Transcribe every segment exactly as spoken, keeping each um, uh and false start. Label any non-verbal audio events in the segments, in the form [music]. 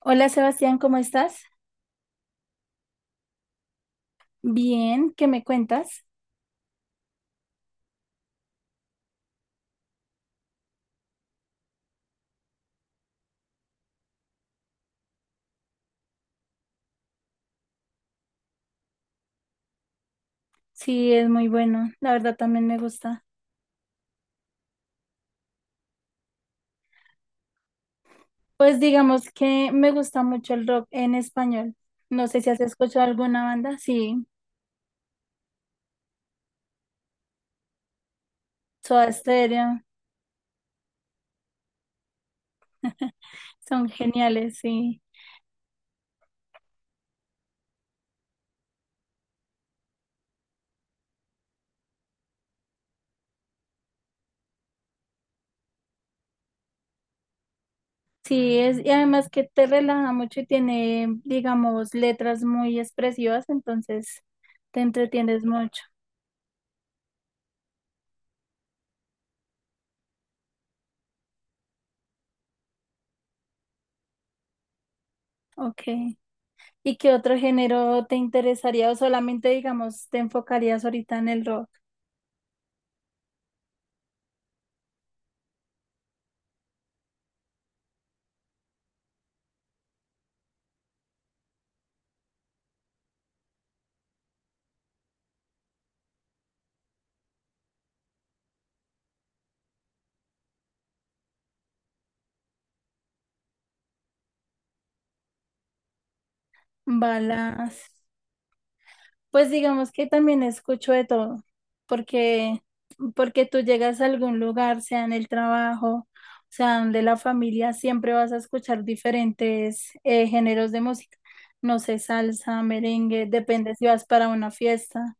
Hola Sebastián, ¿cómo estás? Bien, ¿qué me cuentas? Sí, es muy bueno, la verdad también me gusta. Pues digamos que me gusta mucho el rock en español. No sé si has escuchado alguna banda, sí, Soda Stereo, son geniales, sí. Sí, es, y además que te relaja mucho y tiene, digamos, letras muy expresivas, entonces te entretienes mucho. Ok. ¿Y qué otro género te interesaría o solamente, digamos, te enfocarías ahorita en el rock? Balas. Pues digamos que también escucho de todo, porque, porque tú llegas a algún lugar, sea en el trabajo, sea de la familia, siempre vas a escuchar diferentes eh, géneros de música. No sé, salsa, merengue, depende si vas para una fiesta.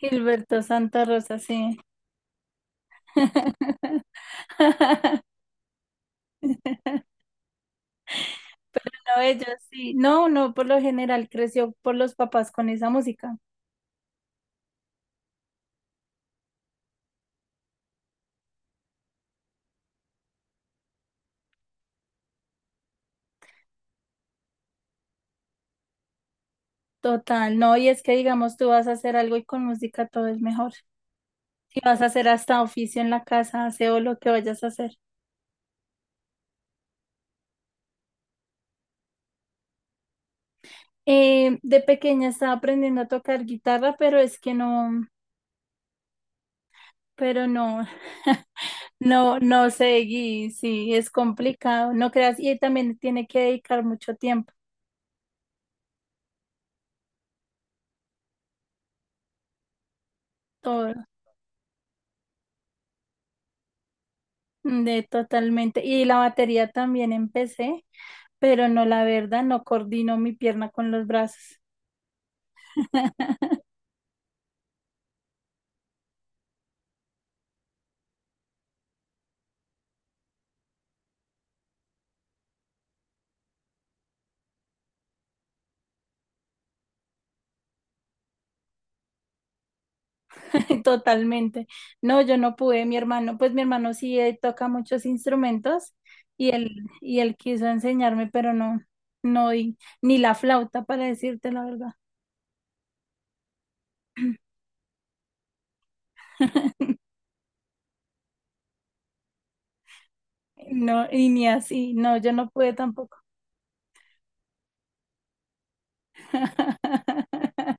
Gilberto Santa Rosa, sí. [laughs] No, ellos sí. No, no, por lo general creció por los papás con esa música. Total, no, y es que digamos, tú vas a hacer algo y con música todo es mejor. Si vas a hacer hasta oficio en la casa, aseo lo que vayas a hacer. Eh, de pequeña estaba aprendiendo a tocar guitarra, pero es que no, pero no, no, no seguí, sí, es complicado, no creas, y también tiene que dedicar mucho tiempo, todo, de totalmente. Y la batería también empecé, pero no, la verdad, no coordino mi pierna con los brazos. [laughs] [laughs] Totalmente. No, yo no pude, mi hermano, pues mi hermano sí eh, toca muchos instrumentos y él, y él quiso enseñarme, pero no, no, y- ni la flauta, para decirte la verdad. No, y ni así, no, yo no pude tampoco. [laughs]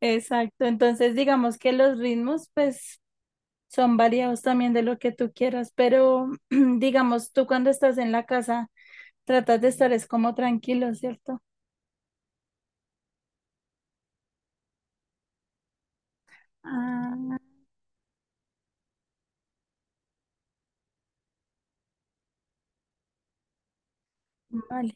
Exacto, entonces digamos que los ritmos pues son variados también de lo que tú quieras, pero [clears throat] digamos tú cuando estás en la casa tratas de estar es como tranquilo, ¿cierto? Ah, vale.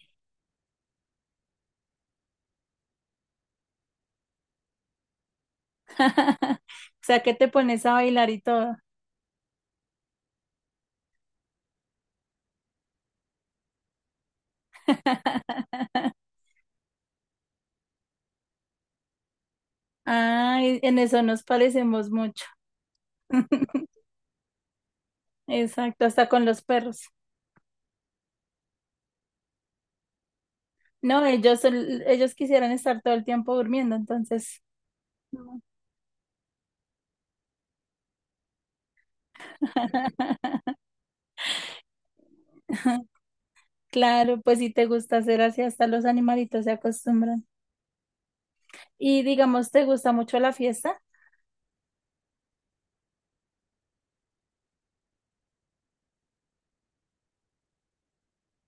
[laughs] O sea, que te pones a bailar y todo. [laughs] Ay, en eso nos parecemos mucho. [laughs] Exacto, hasta con los perros. No, ellos, son- ellos quisieran estar todo el tiempo durmiendo, entonces. No. [laughs] Claro, pues si te gusta hacer así, hasta los animalitos se acostumbran. Y digamos, ¿te gusta mucho la fiesta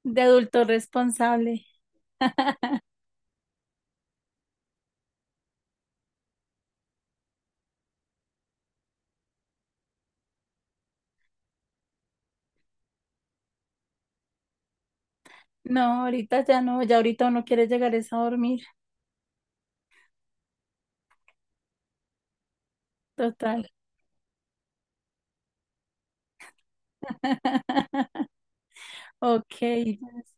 de adulto responsable? [laughs] No, ahorita ya no, ya ahorita uno quiere llegar es a dormir, total. [laughs] Ok. Entonces,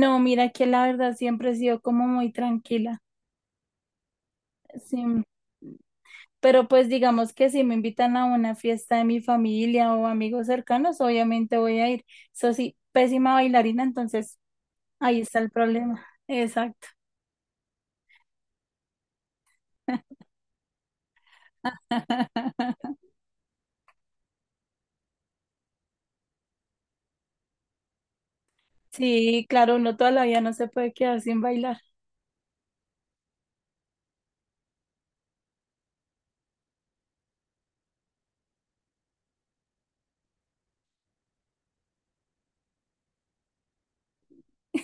no, mira que la verdad siempre he sido como muy tranquila. Sí. Pero pues digamos que si me invitan a una fiesta de mi familia o amigos cercanos, obviamente voy a ir. Eso sí, pésima bailarina, entonces ahí está el problema. Exacto. [laughs] Sí, claro, uno toda la vida no se puede quedar sin bailar.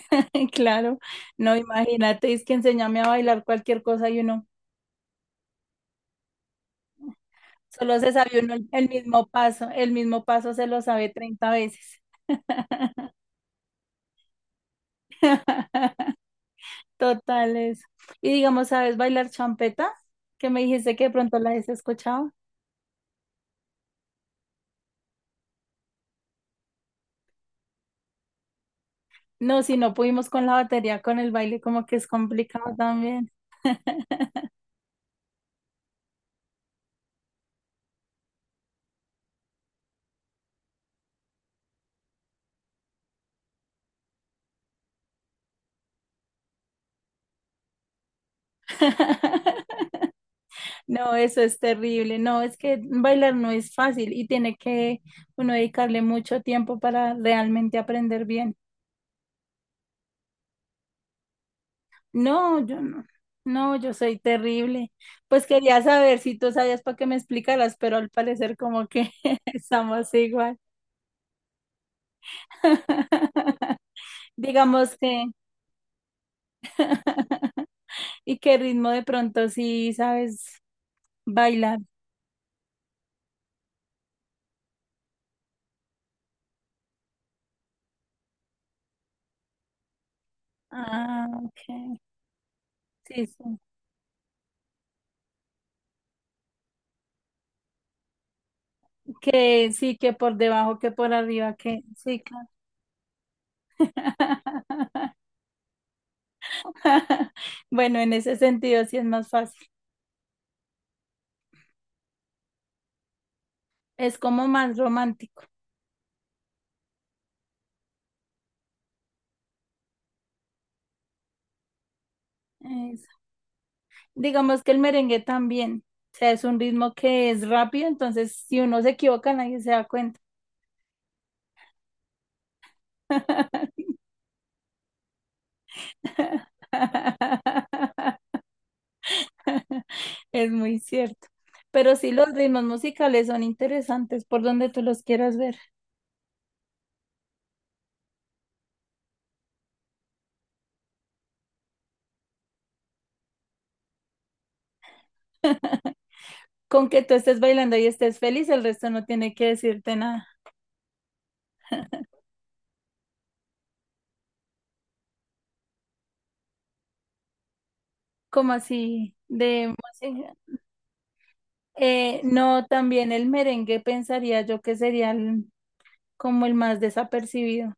[laughs] Claro, no, imagínate, es que enséñame a bailar cualquier cosa y uno. Solo se sabe uno el el mismo paso, el mismo paso se lo sabe treinta veces. [laughs] Total eso. Y digamos, ¿sabes bailar champeta? Que me dijiste que de pronto la has escuchado. No, si no pudimos con la batería, con el baile, como que es complicado también. [laughs] No, eso es terrible. No, es que bailar no es fácil y tiene que uno dedicarle mucho tiempo para realmente aprender bien. No, yo no. No, yo soy terrible. Pues quería saber si tú sabías para que me explicaras, pero al parecer como que [laughs] estamos igual. [laughs] Digamos que, [laughs] ¿y qué ritmo de pronto sí sabes bailar? Ah, ok. Sí, sí. Que sí, que por debajo, que por arriba, que sí, claro. [laughs] Bueno, en ese sentido sí es más fácil. Es como más romántico. Eso. Digamos que el merengue también, o sea, es un ritmo que es rápido, entonces si uno se equivoca nadie se da cuenta. [laughs] Es muy cierto. Pero sí, los ritmos musicales son interesantes por donde tú los quieras ver. Con que tú estés bailando y estés feliz, el resto no tiene que decirte nada. ¿Como así de música? Eh, no, también el merengue pensaría yo que sería el- como el más desapercibido.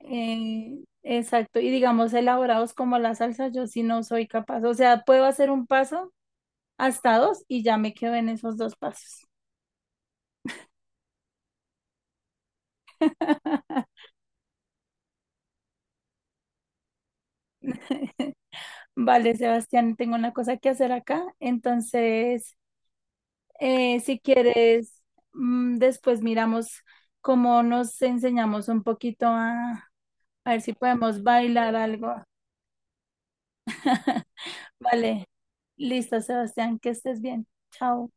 Eh, exacto, y digamos elaborados como la salsa, yo sí no soy capaz, o sea, puedo hacer un paso hasta dos y ya me quedo en esos dos pasos. [laughs] Vale, Sebastián, tengo una cosa que hacer acá, entonces, eh, si quieres, mm, después miramos cómo nos enseñamos un poquito a, a ver si podemos bailar algo. Vale, listo, Sebastián, que estés bien. Chao.